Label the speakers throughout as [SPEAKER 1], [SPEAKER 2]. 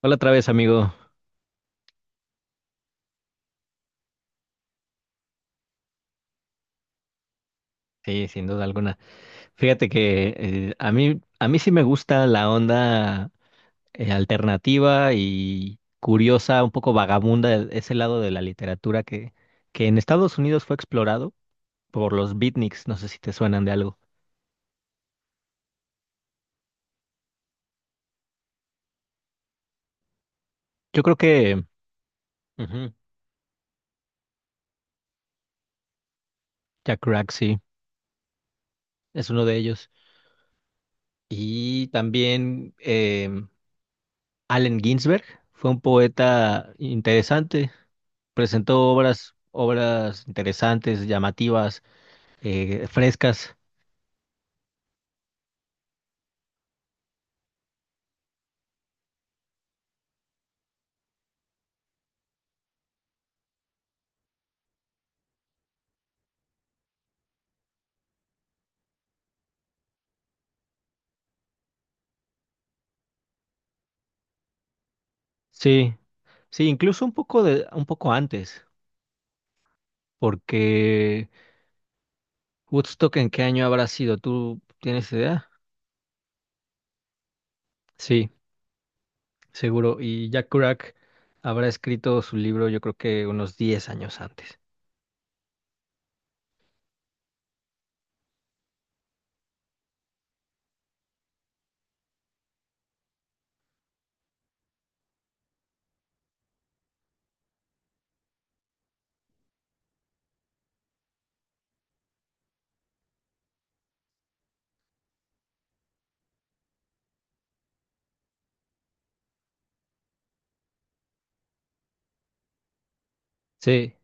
[SPEAKER 1] Hola otra vez, amigo. Sí, sin duda alguna. Fíjate que a mí sí me gusta la onda alternativa y curiosa, un poco vagabunda, ese lado de la literatura que en Estados Unidos fue explorado por los beatniks. No sé si te suenan de algo. Yo creo que, ujú, Jack Kerouac, sí, es uno de ellos. Y también Allen Ginsberg fue un poeta interesante. Presentó obras, obras interesantes, llamativas, frescas. Sí, sí, incluso un poco de, un poco antes, porque Woodstock, ¿en qué año habrá sido? ¿Tú tienes idea? Sí, seguro. Y Jack Kerouac habrá escrito su libro, yo creo que unos 10 años antes. Sí,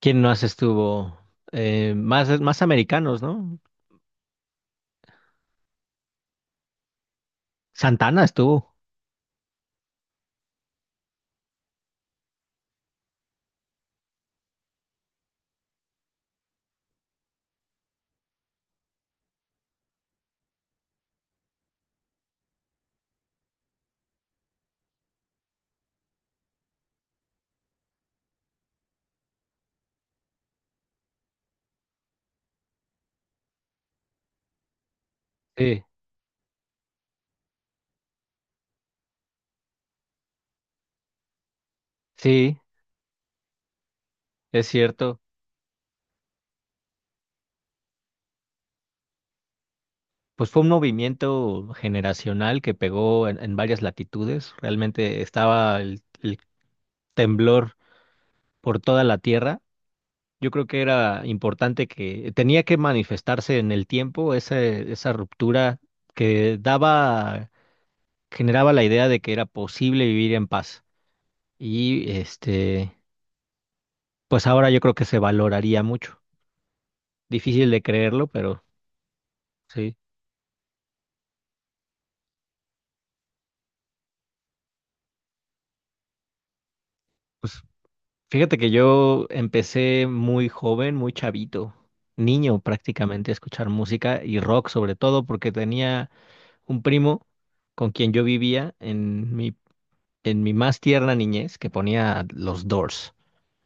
[SPEAKER 1] ¿quién más estuvo? Más americanos, ¿no? Santana estuvo. Sí, sí, es cierto. Pues fue un movimiento generacional que pegó en varias latitudes. Realmente estaba el temblor por toda la tierra. Yo creo que era importante que tenía que manifestarse en el tiempo esa ruptura que daba, generaba la idea de que era posible vivir en paz. Y pues ahora yo creo que se valoraría mucho. Difícil de creerlo, pero sí. Pues fíjate que yo empecé muy joven, muy chavito, niño prácticamente, a escuchar música y rock sobre todo porque tenía un primo con quien yo vivía en mi más tierna niñez, que ponía los Doors,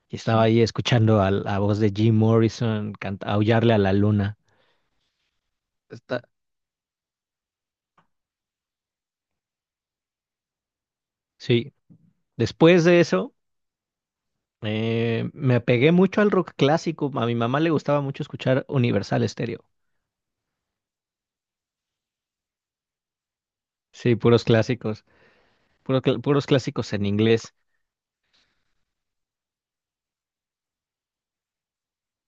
[SPEAKER 1] y estaba ahí escuchando a la voz de Jim Morrison aullarle a la luna. Está- sí, después de eso, me apegué mucho al rock clásico. A mi mamá le gustaba mucho escuchar Universal Stereo. Sí, puros clásicos, puros clásicos en inglés.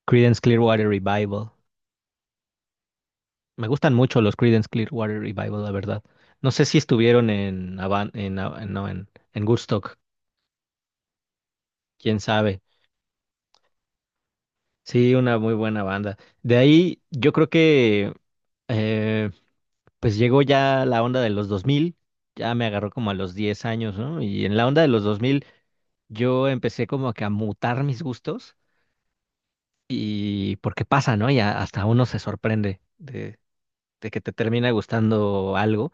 [SPEAKER 1] Creedence Clearwater Revival. Me gustan mucho los Creedence Clearwater Revival, la verdad. No sé si estuvieron en no, en Woodstock. Quién sabe. Sí, una muy buena banda. De ahí yo creo que, eh, pues llegó ya la onda de los 2000, ya me agarró como a los 10 años, ¿no? Y en la onda de los 2000, yo empecé como que a mutar mis gustos, y porque pasa, ¿no? Hasta uno se sorprende de que te termina gustando algo.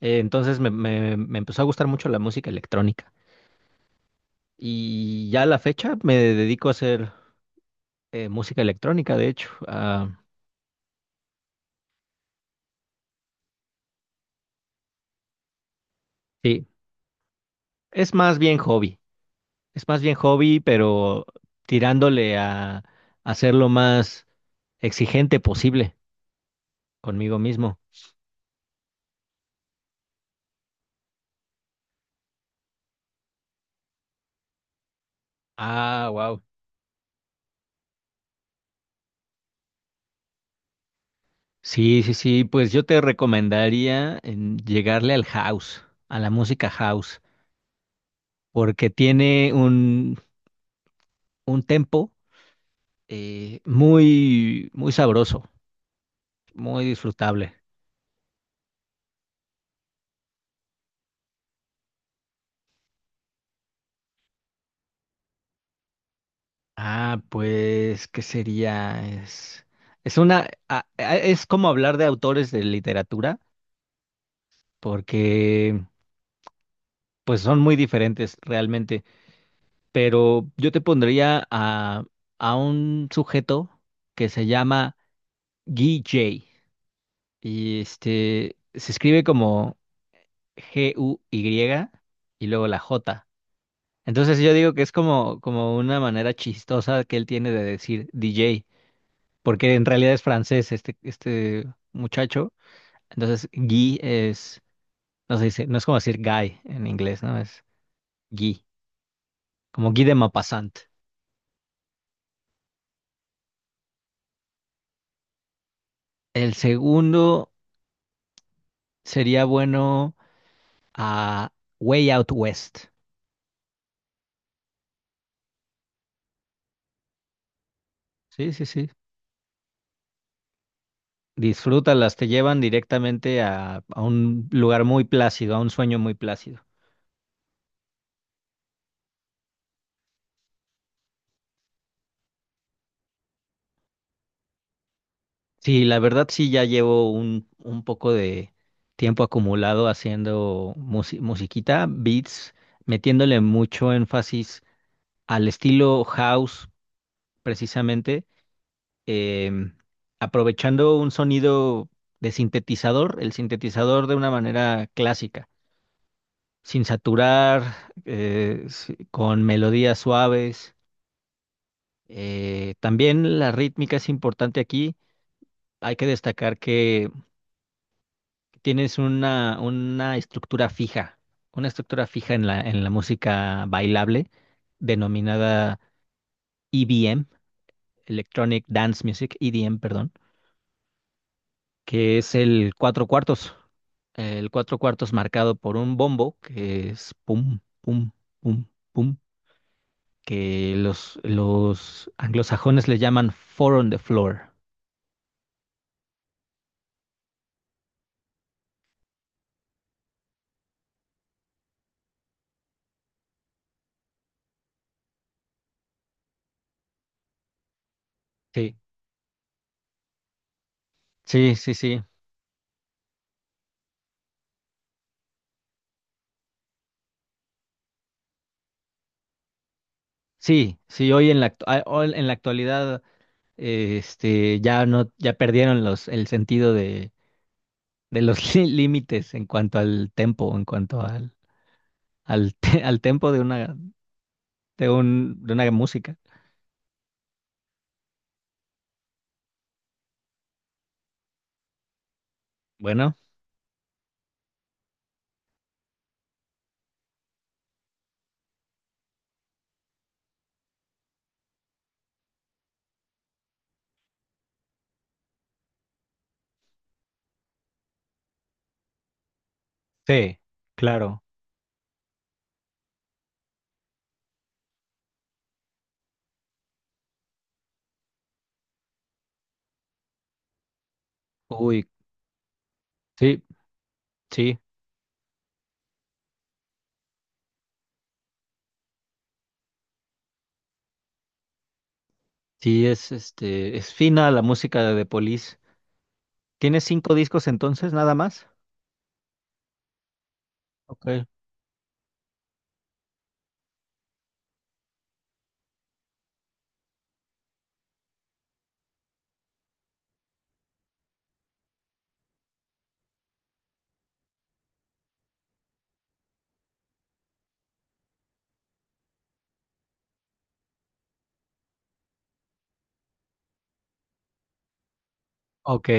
[SPEAKER 1] Entonces me empezó a gustar mucho la música electrónica, y ya a la fecha me dedico a hacer, música electrónica, de hecho. Ah, sí, es más bien hobby. Es más bien hobby, pero tirándole a hacer lo más exigente posible conmigo mismo. Ah, wow. Sí, sí, sí, pues yo te recomendaría en llegarle al house, a la música house, porque tiene un tempo, muy, muy sabroso, muy disfrutable. Ah, pues, ¿qué sería? Es. Es como hablar de autores de literatura, porque pues son muy diferentes realmente, pero yo te pondría a, un sujeto que se llama Guy J. Y este se escribe como Guy y luego la J. Entonces yo digo que es como una manera chistosa que él tiene de decir DJ, porque en realidad es francés, este muchacho. Entonces no se dice, no es como decir guy en inglés, ¿no? Es Guy, como Guy de Maupassant. El segundo. Sería bueno a Way Out West. Sí, sí, sí. Disfrútalas, te llevan directamente a un lugar muy plácido, a un sueño muy plácido. Sí, la verdad sí, ya llevo un poco de tiempo acumulado haciendo musiquita, beats, metiéndole mucho énfasis al estilo house, precisamente, em, aprovechando un sonido de sintetizador, el sintetizador de una manera clásica, sin saturar, con melodías suaves. También la rítmica es importante aquí. Hay que destacar que tienes una estructura fija, en la música bailable, denominada EDM, Electronic Dance Music, EDM, perdón, que es el cuatro cuartos, marcado por un bombo, que es pum, pum, pum, pum, que los anglosajones le llaman four on the floor. Sí, sí, sí, sí. Sí, sí, hoy en hoy en la actualidad, ya no, ya perdieron el sentido de los, límites, en cuanto al tempo, en cuanto al tempo de una música. Bueno, sí, claro. Uy, sí, sí, sí, es fina la música de The Police. ¿Tiene cinco discos entonces, nada más? Ok. Ok,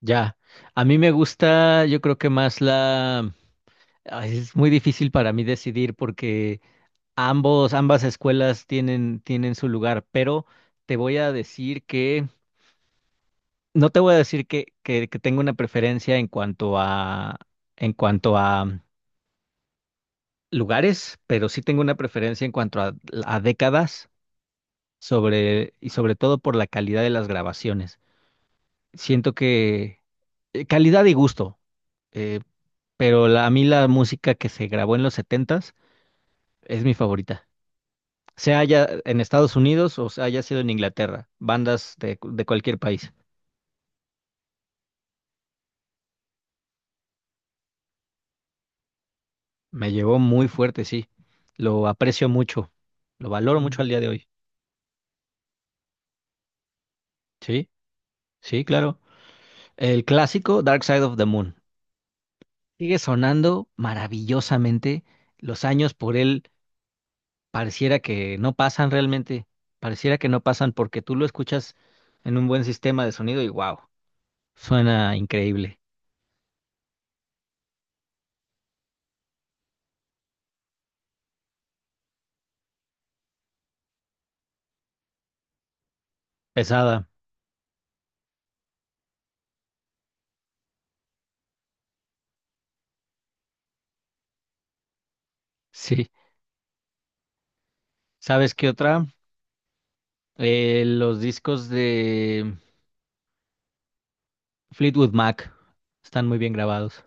[SPEAKER 1] ya. A mí me gusta, yo creo que más la. Ay, es muy difícil para mí decidir porque ambas escuelas tienen su lugar, pero te voy a decir que, no te voy a decir que, tengo una preferencia en cuanto a, en cuanto a lugares, pero sí tengo una preferencia en cuanto a décadas, y sobre todo por la calidad de las grabaciones. Siento que, calidad y gusto. eh, pero a mí la música que se grabó en los setentas es mi favorita. Sea haya en Estados Unidos o sea haya sido en Inglaterra, de cualquier país. Me llevó muy fuerte, sí. Lo aprecio mucho, lo valoro mucho al día de hoy. Sí, sí, claro. El clásico Dark Side of the Moon sigue sonando maravillosamente. Los años por él pareciera que no pasan realmente, pareciera que no pasan, porque tú lo escuchas en un buen sistema de sonido y wow, suena increíble. Pesada, sí. ¿Sabes qué otra? Los discos de Fleetwood Mac están muy bien grabados.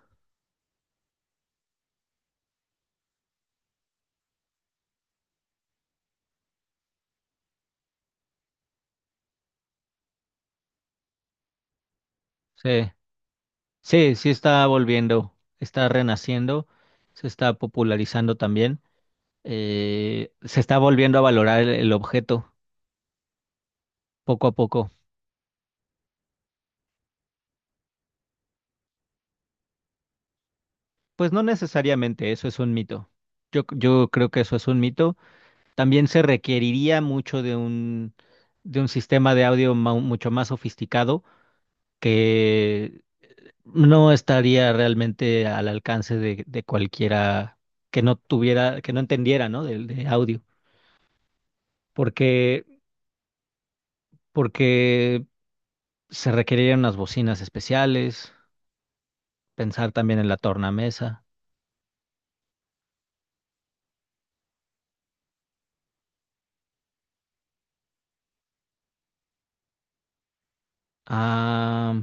[SPEAKER 1] Sí, sí, sí está volviendo, está renaciendo, se está popularizando también. Se está volviendo a valorar el objeto poco a poco. Pues no necesariamente, eso es un mito. Yo creo que eso es un mito. También se requeriría mucho de un, sistema de audio, mucho más sofisticado, que no estaría realmente al alcance de cualquiera que no tuviera, que no entendiera, ¿no? Del de audio, porque, porque se requerirían unas bocinas especiales, pensar también en la tornamesa. Ah,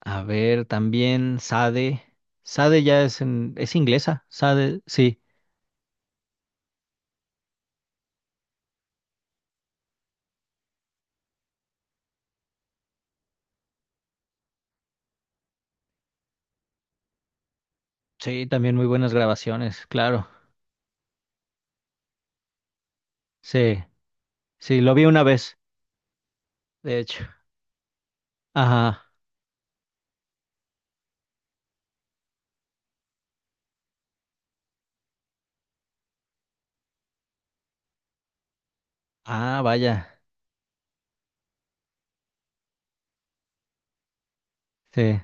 [SPEAKER 1] a ver, también SADE. SADE ya es inglesa, SADE, sí, sí, también muy buenas grabaciones, claro. Sí, sí, lo vi una vez, de hecho. Ajá. Ah, vaya. Sí.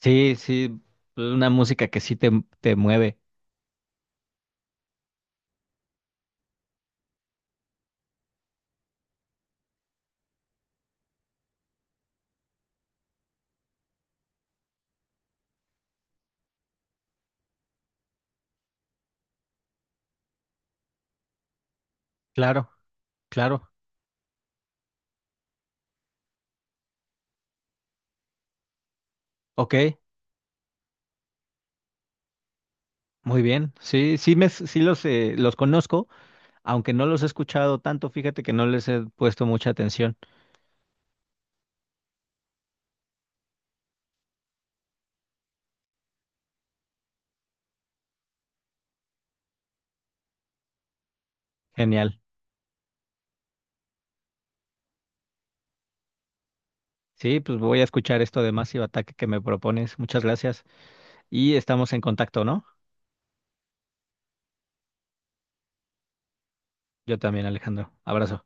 [SPEAKER 1] Sí, sí, una música que sí te mueve. Claro, claro. Ok, muy bien. Sí, sí, los conozco, aunque no los he escuchado tanto, fíjate que no les he puesto mucha atención. Genial. Sí, pues voy a escuchar esto de Massive Attack que me propones. Muchas gracias. Y estamos en contacto, ¿no? Yo también, Alejandro. Abrazo.